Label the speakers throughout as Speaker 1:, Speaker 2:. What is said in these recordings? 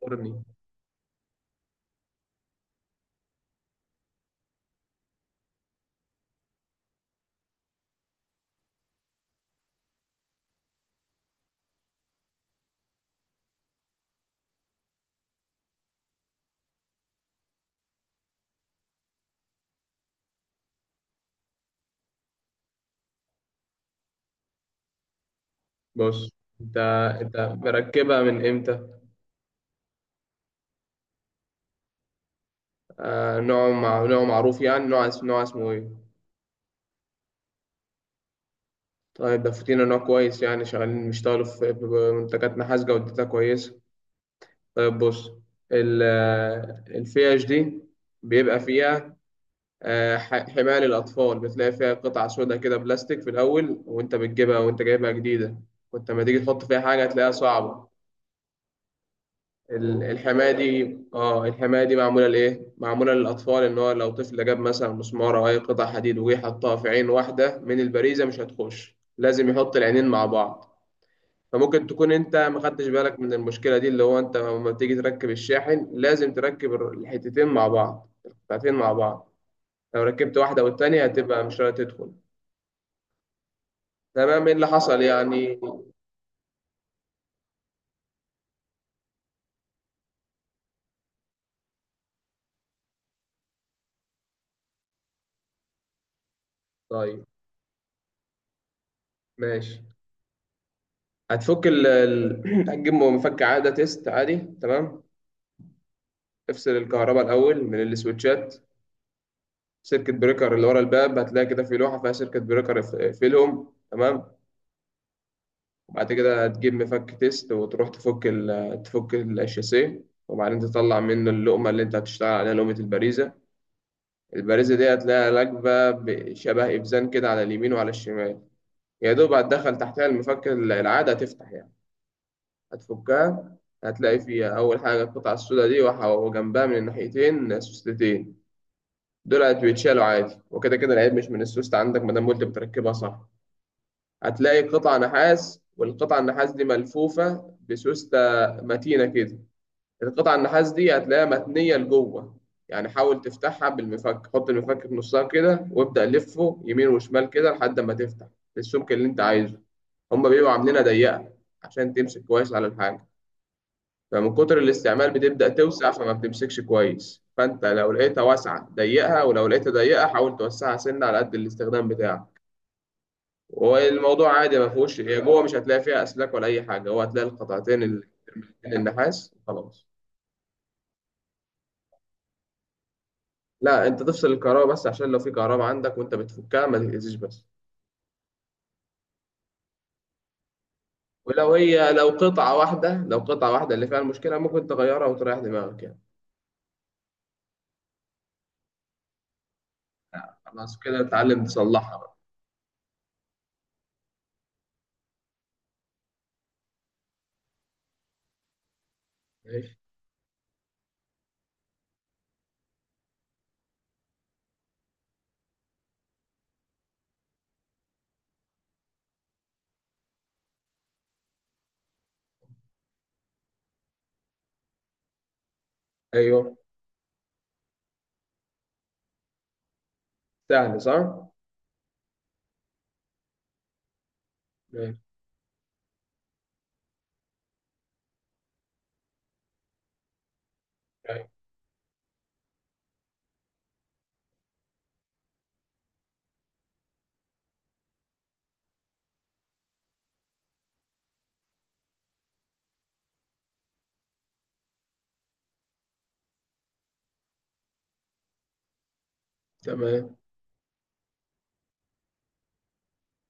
Speaker 1: قرني، بص. انت انت مركبها من امتى؟ نوع معروف، يعني نوع اسمه ايه؟ طيب، ده فوتينا نوع كويس، يعني شغالين بيشتغلوا في منتجات نحاس جودتها كويسة. طيب، بص. ال... آه، الفيش دي بيبقى فيها حماية للأطفال، بتلاقي فيها قطعة سودا كده بلاستيك في الأول وأنت بتجيبها وأنت جايبها جديدة، وأنت لما تيجي تحط فيها حاجة هتلاقيها صعبة. الحماية دي معمولة لإيه؟ معمولة للأطفال، إن هو لو طفل جاب مثلا مسمار أو أي قطع حديد وجه حطها في عين واحدة من البريزة مش هتخش، لازم يحط العينين مع بعض، فممكن تكون أنت ما خدتش بالك من المشكلة دي، اللي هو أنت لما تيجي تركب الشاحن لازم تركب الحتتين مع بعض، القطعتين مع بعض، لو ركبت واحدة والتانية هتبقى مش راضية تدخل. تمام؟ إيه اللي حصل يعني؟ طيب، ماشي. هتجيب مفك عادة تيست عادي، تمام؟ افصل الكهرباء الاول من السويتشات. سيركت بريكر اللي ورا الباب، هتلاقي كده في لوحه فيها سيركت بريكر، اقفلهم، تمام. وبعد كده هتجيب مفك تيست وتروح تفك الشاسيه، وبعدين تطلع منه اللقمه اللي انت هتشتغل عليها، لقمه البريزه. البريزه دي هتلاقيها راكبه بشبه ابزان كده على اليمين وعلى الشمال. يا دوب هتدخل تحتها المفك العاده، هتفتح يعني، هتفكها. هتلاقي فيها أول حاجة القطعة السوداء دي، وجنبها من الناحيتين سوستتين، دولت بيتشالوا عادي، وكده كده العيب مش من السوست عندك ما دام قلت بتركبها صح. هتلاقي قطع نحاس، والقطع النحاس دي ملفوفة بسوستة متينة كده. القطع النحاس دي هتلاقيها متنية لجوه، يعني حاول تفتحها بالمفك، حط المفك في نصها كده وابدأ لفه يمين وشمال كده لحد ما تفتح السمك اللي انت عايزه. هما بيبقوا عاملينها ضيقة عشان تمسك كويس على الحاجة، فمن كتر الاستعمال بتبدأ توسع فما بتمسكش كويس، فأنت لو لقيتها واسعة ضيقها، ولو لقيتها ضيقة حاول توسعها، سنة على قد الاستخدام بتاعك. والموضوع عادي، ما فيهوش، هي جوه مش هتلاقي فيها أسلاك ولا أي حاجة، هو هتلاقي القطعتين النحاس خلاص. لا، أنت تفصل الكهرباء بس عشان لو في كهرباء عندك وأنت بتفكها ما تتأذيش بس. ولو هي، لو قطعة واحدة اللي فيها المشكلة، ممكن تغيرها وتريح دماغك يعني. خلاص كده تتعلم تصلحها بقى. ماشي. أيوه، سهل صح؟ ماشي. أيوة. تمام.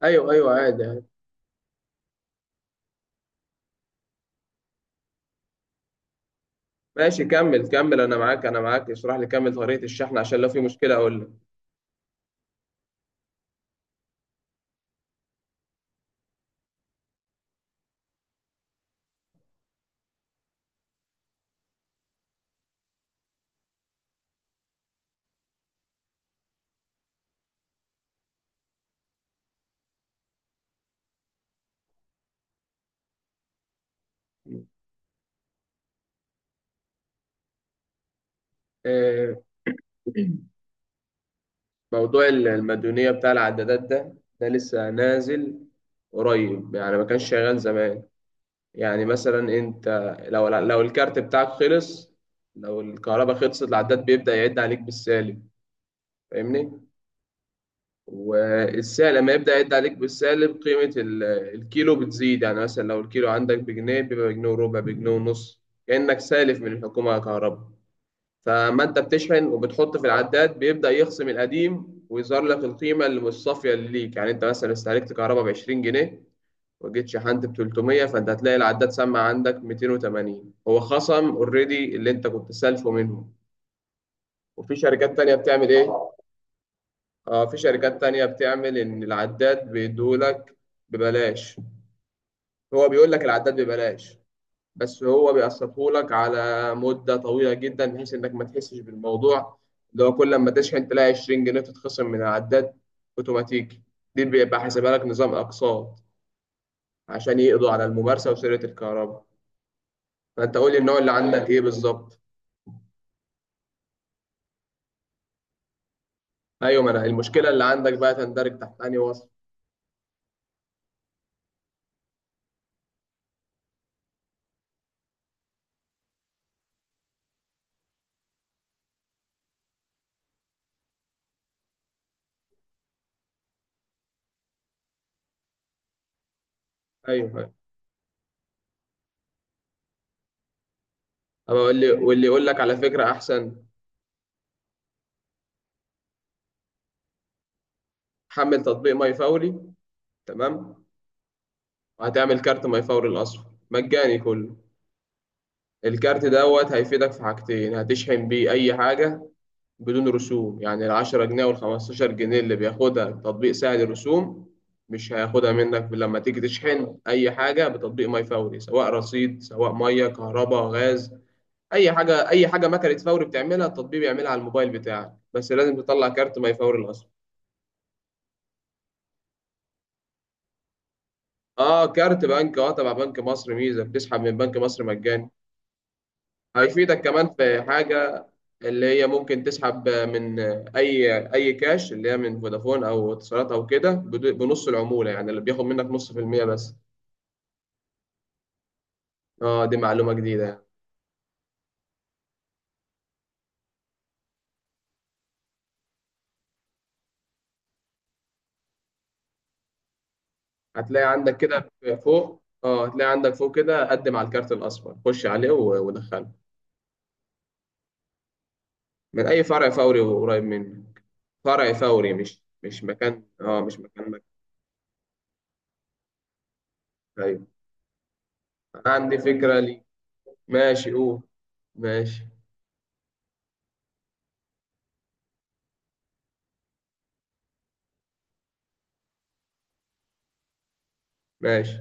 Speaker 1: ايوه، ايوه، عادي عادي. ماشي، كمل كمل، انا معاك، انا معاك، اشرح لي، كمل طريقة الشحن عشان لو في مشكلة اقول لك. آه، موضوع المديونية بتاع العدادات ده لسه نازل، قريب يعني، ما كانش شغال زمان. يعني مثلا انت، لو الكارت بتاعك خلص، لو الكهرباء خلصت العداد بيبدأ يعد عليك بالسالب، فاهمني؟ والسعر لما يبدأ يعد عليك بالسالب، قيمة الكيلو بتزيد، يعني مثلا لو الكيلو عندك بجنيه، بيبقى بجنيه وربع، بجنيه ونص. كأنك سالف من الحكومة على كهرباء، فما انت بتشحن وبتحط في العداد بيبدأ يخصم القديم، ويظهر لك القيمة اللي مش صافية اللي ليك. يعني انت مثلا استهلكت كهرباء ب 20 جنيه، وجيت شحنت ب 300، فانت هتلاقي العداد سمع عندك 280، هو خصم اوريدي اللي انت كنت سالفه منهم. وفي شركات تانية بتعمل ايه؟ اه، في شركات تانية بتعمل ان العداد بيدولك ببلاش، هو بيقول لك العداد ببلاش، بس هو بيقسطهولك على مدة طويلة جدا بحيث انك ما تحسش بالموضوع، اللي هو كل ما تشحن تلاقي 20 جنيه تتخصم من العداد اوتوماتيكي. دي بيبقى حاسبها لك نظام اقساط، عشان يقضوا على الممارسة وسرقة الكهرباء. فانت قول لي النوع اللي عندك ايه بالظبط. ايوه، ما انا المشكلة اللي عندك بقى تندرج تحت انهي وصف. ايوه، أيوة. أبقى أقول لي واللي يقول لك على فكرة احسن. حمل تطبيق ماي فوري، تمام. وهتعمل كارت ما يفور الأصفر، مجاني كله. الكارت دوت هيفيدك في حاجتين، هتشحن بيه أي حاجة بدون رسوم، يعني العشرة جنيه والخمستاشر جنيه اللي بياخدها تطبيق سهل، الرسوم مش هياخدها منك لما تيجي تشحن أي حاجة بتطبيق ماي فوري، سواء رصيد سواء مية كهرباء غاز، أي حاجة، أي حاجة مكنة فوري بتعملها التطبيق بيعملها على الموبايل بتاعك، بس لازم تطلع كارت ماي فوري الأصفر. اه، كارت بنك، تبع بنك مصر ميزة، بتسحب من بنك مصر مجاني. هيفيدك كمان في حاجة، اللي هي ممكن تسحب من أي كاش، اللي هي من فودافون أو اتصالات أو كده، بنص العمولة، يعني اللي بياخد منك نص في المية بس. اه، دي معلومة جديدة يعني. هتلاقي عندك كده فوق، اه هتلاقي عندك فوق كده قدم على الكارت الأصفر، خش عليه، ودخله، من أي فرع فوري قريب منك. فرع فوري، مش مكان، مش مكان مكان. أيوة. عندي فكرة ليك. ماشي، قول. ماشي، ماشي.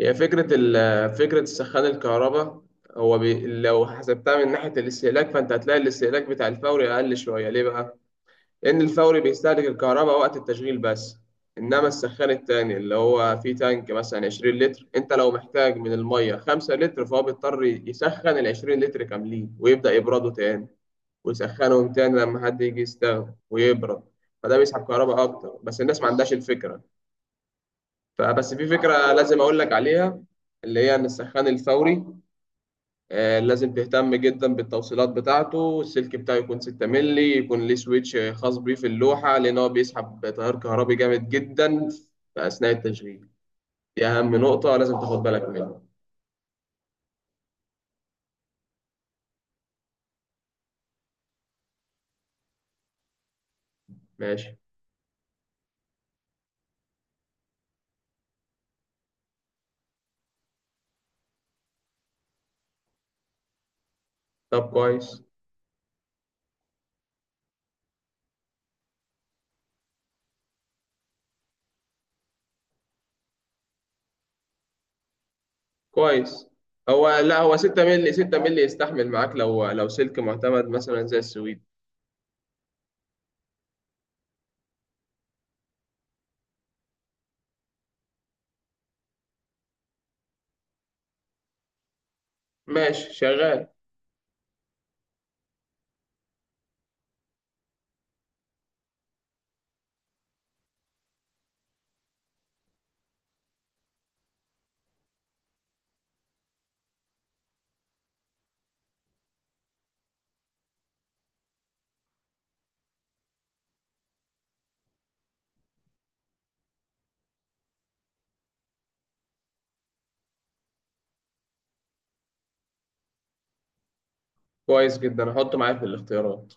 Speaker 1: هي فكرة سخان الكهرباء، هو لو حسبتها من ناحية الاستهلاك فأنت هتلاقي الاستهلاك بتاع الفوري أقل شوية. ليه بقى؟ لأن الفوري بيستهلك الكهرباء وقت التشغيل بس، إنما السخان التاني اللي هو فيه تانك مثلا 20 لتر، أنت لو محتاج من المية 5 لتر، فهو بيضطر يسخن ال 20 لتر كاملين، ويبدأ يبردوا تاني ويسخنهم تاني لما حد يجي يستخدم ويبرد. فده بيسحب كهرباء أكتر، بس الناس ما عندهاش الفكرة. فبس في فكرة لازم أقول لك عليها، اللي هي إن السخان الفوري لازم تهتم جدا بالتوصيلات بتاعته. السلك بتاعه يكون 6 مللي، يكون ليه سويتش خاص بيه في اللوحة، لأن هو بيسحب تيار كهربي جامد جدا في أثناء التشغيل. دي أهم نقطة لازم تاخد بالك منها. ماشي. طب كويس. كويس. هو، لا هو 6 مللي، 6 مللي يستحمل معاك، لو سلك معتمد مثلا زي السويد. ماشي شغال. كويس جدا، هحطه معايا في الاختيارات.